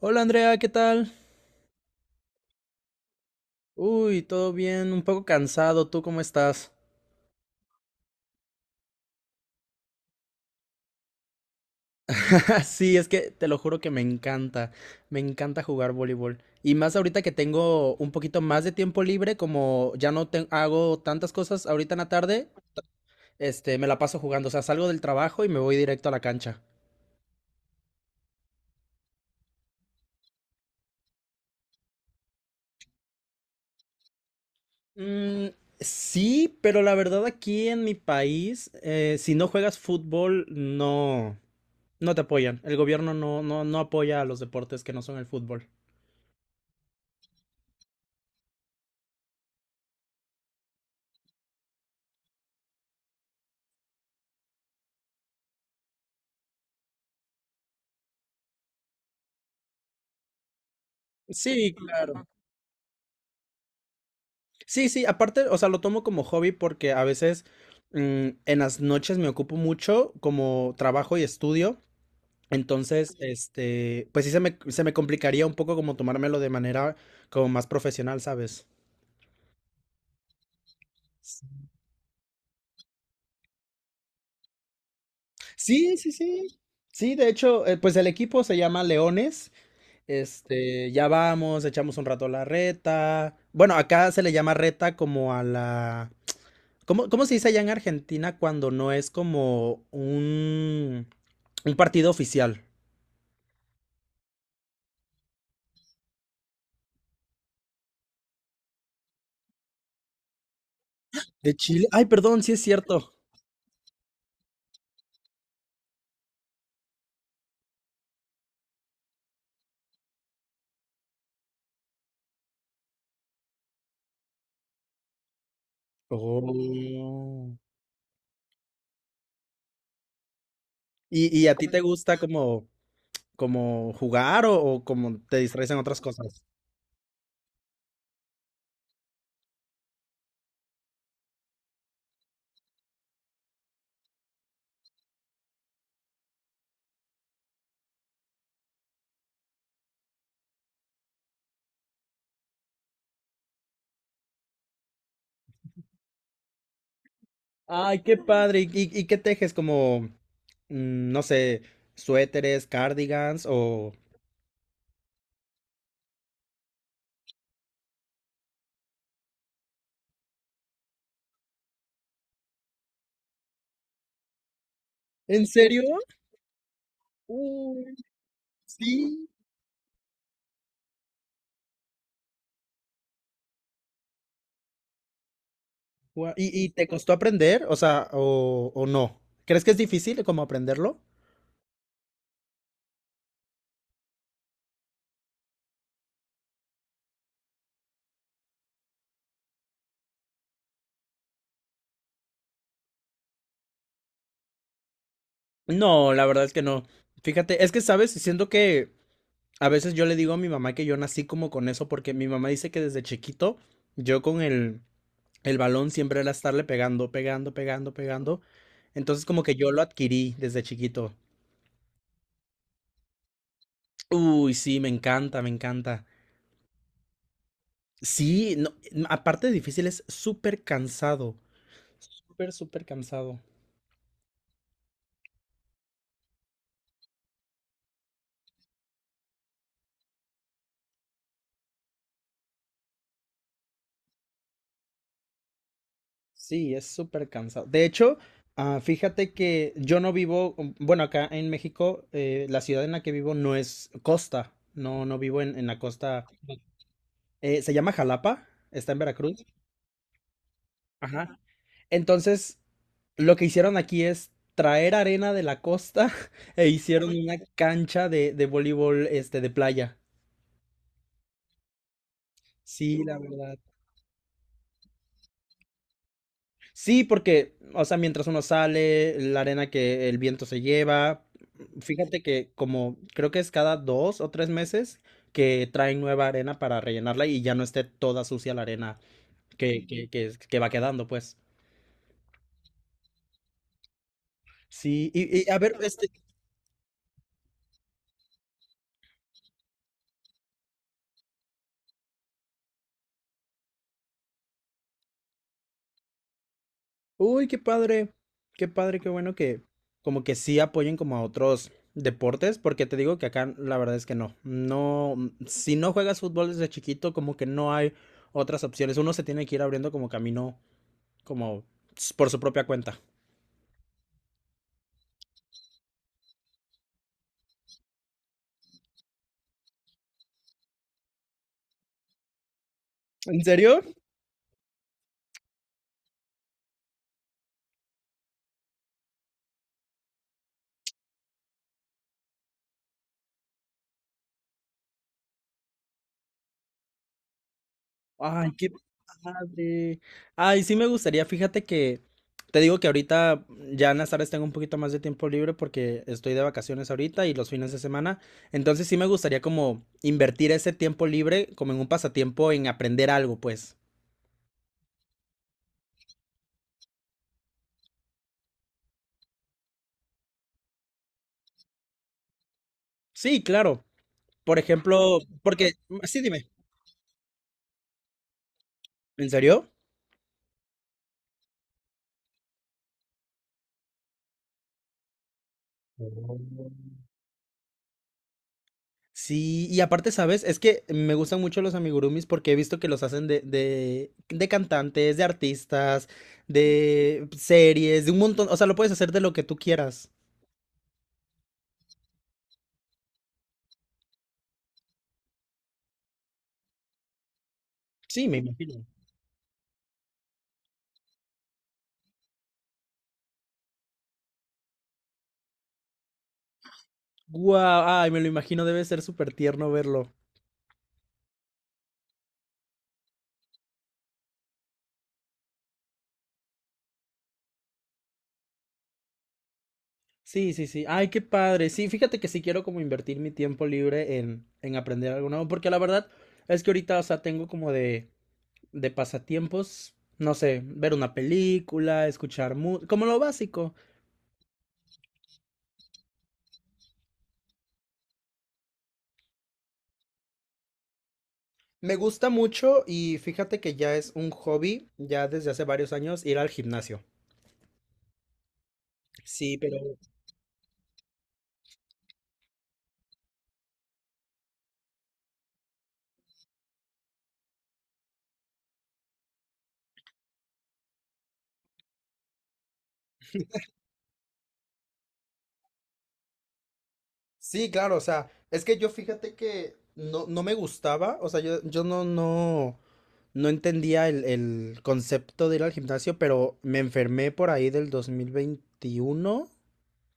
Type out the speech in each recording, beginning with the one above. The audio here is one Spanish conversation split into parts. Hola Andrea, ¿qué tal? Uy, todo bien, un poco cansado, ¿tú cómo estás? Sí, es que te lo juro que me encanta jugar voleibol. Y más ahorita que tengo un poquito más de tiempo libre, como ya no te- hago tantas cosas ahorita en la tarde, este, me la paso jugando, o sea, salgo del trabajo y me voy directo a la cancha. Mm, sí, pero la verdad aquí en mi país, si no juegas fútbol, no, no te apoyan. El gobierno no apoya a los deportes que no son el fútbol. Sí, claro. Sí, sí, aparte, o sea, lo tomo como hobby porque a veces mm, en las noches me ocupo mucho como trabajo y estudio. Entonces, ujú, este, pues sí se me complicaría un poco como tomármelo de manera como más profesional, ¿sabes? Sí, sí, sí. Sí, de hecho, pues el equipo se llama Leones. Este, ya vamos, echamos un rato la reta. Bueno, acá se le llama reta como a la... cómo se dice allá en Argentina cuando no es como un partido oficial? De Chile. Ay, perdón, sí es cierto. Oh. Y a ti te gusta como, como jugar o como te distraes en otras cosas? Ay, qué padre. ¿Y, y qué tejes? Como, mm, no sé, suéteres, cardigans o... ¿En serio? Sí. Y te costó aprender? O sea, o no. ¿Crees que es difícil como aprenderlo? No, la verdad es que no. Fíjate, es que, ¿sabes? Siento que a veces yo le digo a mi mamá que yo nací como con eso, porque mi mamá dice que desde chiquito yo con el balón siempre era estarle pegando, pegando, pegando, pegando. Entonces como que yo lo adquirí desde chiquito. Uy, sí, me encanta, me encanta. Sí, no, aparte de difícil, es súper cansado. Súper, súper cansado. Sí, es súper cansado. De hecho, ah, fíjate que yo no vivo, bueno, acá en México, la ciudad en la que vivo no es costa, no, no vivo en la costa, se llama Jalapa, está en Veracruz. Ajá. Entonces, lo que hicieron aquí es traer arena de la costa e hicieron una cancha de voleibol, este, de playa. Sí, la verdad. Sí, porque, o sea, mientras uno sale, la arena que el viento se lleva, fíjate que como creo que es cada dos o tres meses que traen nueva arena para rellenarla y ya no esté toda sucia la arena que, que va quedando, pues. Sí, y a ver, este, uy, qué padre, qué padre, qué bueno que como que sí apoyen como a otros deportes, porque te digo que acá la verdad es que no, no, mm, si no juegas fútbol desde chiquito, como que no hay otras opciones, uno se tiene que ir abriendo como camino como por su propia cuenta. ¿En serio? Ay, qué padre. Ay, sí me gustaría, fíjate que te digo que ahorita ya en las tardes tengo un poquito más de tiempo libre porque estoy de vacaciones ahorita y los fines de semana. Entonces sí me gustaría como invertir ese tiempo libre como en un pasatiempo en aprender algo, pues. Sí, claro. Por ejemplo, porque... mm, sí, dime. ¿En serio? Sí, y aparte, ¿sabes? Es que me gustan mucho los amigurumis porque he visto que los hacen de, de cantantes, de artistas, de series, de un montón. O sea, lo puedes hacer de lo que tú quieras. Sí, me imagino. Guau, ay, me lo imagino, debe ser súper tierno verlo. Sí, sí, sí. Ay, qué padre. Sí, fíjate que sí quiero como invertir mi tiempo libre en aprender algo nuevo, porque la verdad es que ahorita, o sea, tengo como de pasatiempos, no sé, ver una película, escuchar música, como lo básico. Me gusta mucho y fíjate que ya es un hobby, ya desde hace varios años, ir al gimnasio. Sí, pero... Sí, claro, o sea, es que yo fíjate que no, no me gustaba, o sea, yo no, no entendía el concepto de ir al gimnasio, pero me enfermé por ahí del 2021,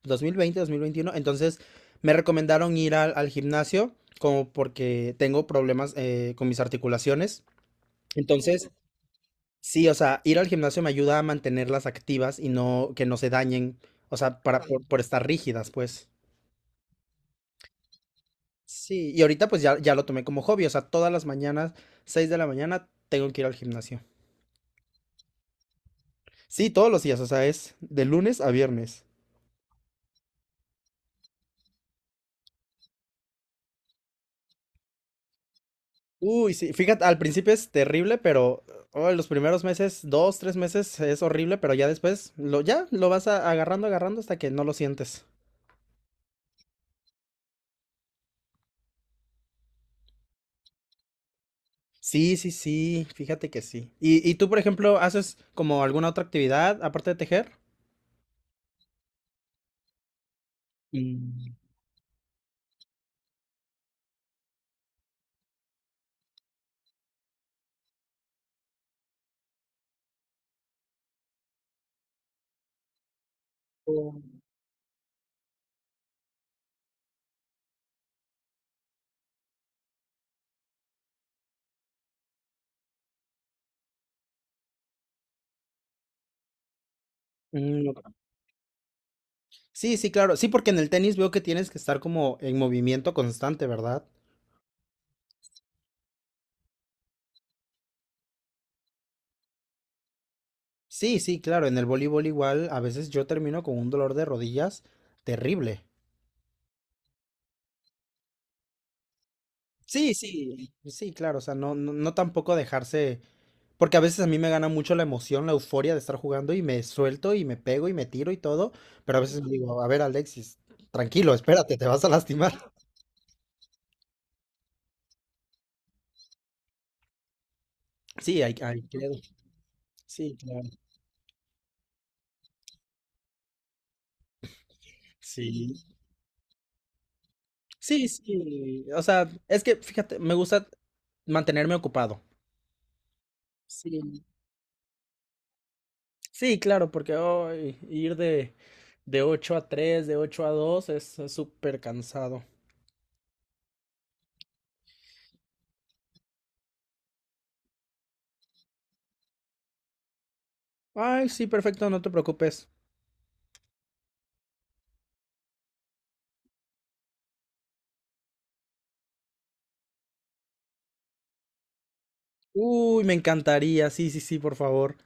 2020, 2021, entonces me recomendaron ir al, al gimnasio como porque tengo problemas con mis articulaciones. Entonces, sí, o sea, ir al gimnasio me ayuda a mantenerlas activas y no que no se dañen, o sea, para por estar rígidas, pues. Sí, y ahorita pues ya, ya lo tomé como hobby, o sea, todas las mañanas, 6 de la mañana, tengo que ir al gimnasio. Sí, todos los días, o sea, es de lunes a viernes. Uy, sí, fíjate, al principio es terrible, pero oh, los primeros meses, dos, tres meses es horrible, pero ya después lo, ya lo agarrando, agarrando hasta que no lo sientes. Sí, sí, sí, fíjate que sí. Y tú, por ejemplo, haces como alguna otra actividad aparte de tejer? Y oh, mm, ok. Sí, sí, claro. Sí, porque en el tenis veo que tienes que estar como en movimiento constante, ¿verdad? Sí, sí, claro. En el voleibol igual, a veces yo termino con un dolor de rodillas terrible. Sí, sí, sí, claro. O sea, no, no, no tampoco dejarse. Porque a veces a mí me gana mucho la emoción, la euforia de estar jugando y me suelto y me pego y me tiro y todo, pero a veces me digo, a ver, Alexis, tranquilo, espérate, te vas a lastimar. Sí, Sí, claro. Sí. Sí, sí. O sea, es que fíjate, me gusta mantenerme ocupado. Sí. Sí, claro, porque ay, ir de 8 a 3 de 8 a 2 es súper cansado. Ay, sí, perfecto, no te preocupes. Uy, me encantaría. Sí, sí, sí, por favor.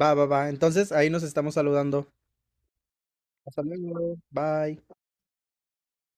Va, va, va. Entonces ahí nos estamos saludando. Hasta luego. Bye.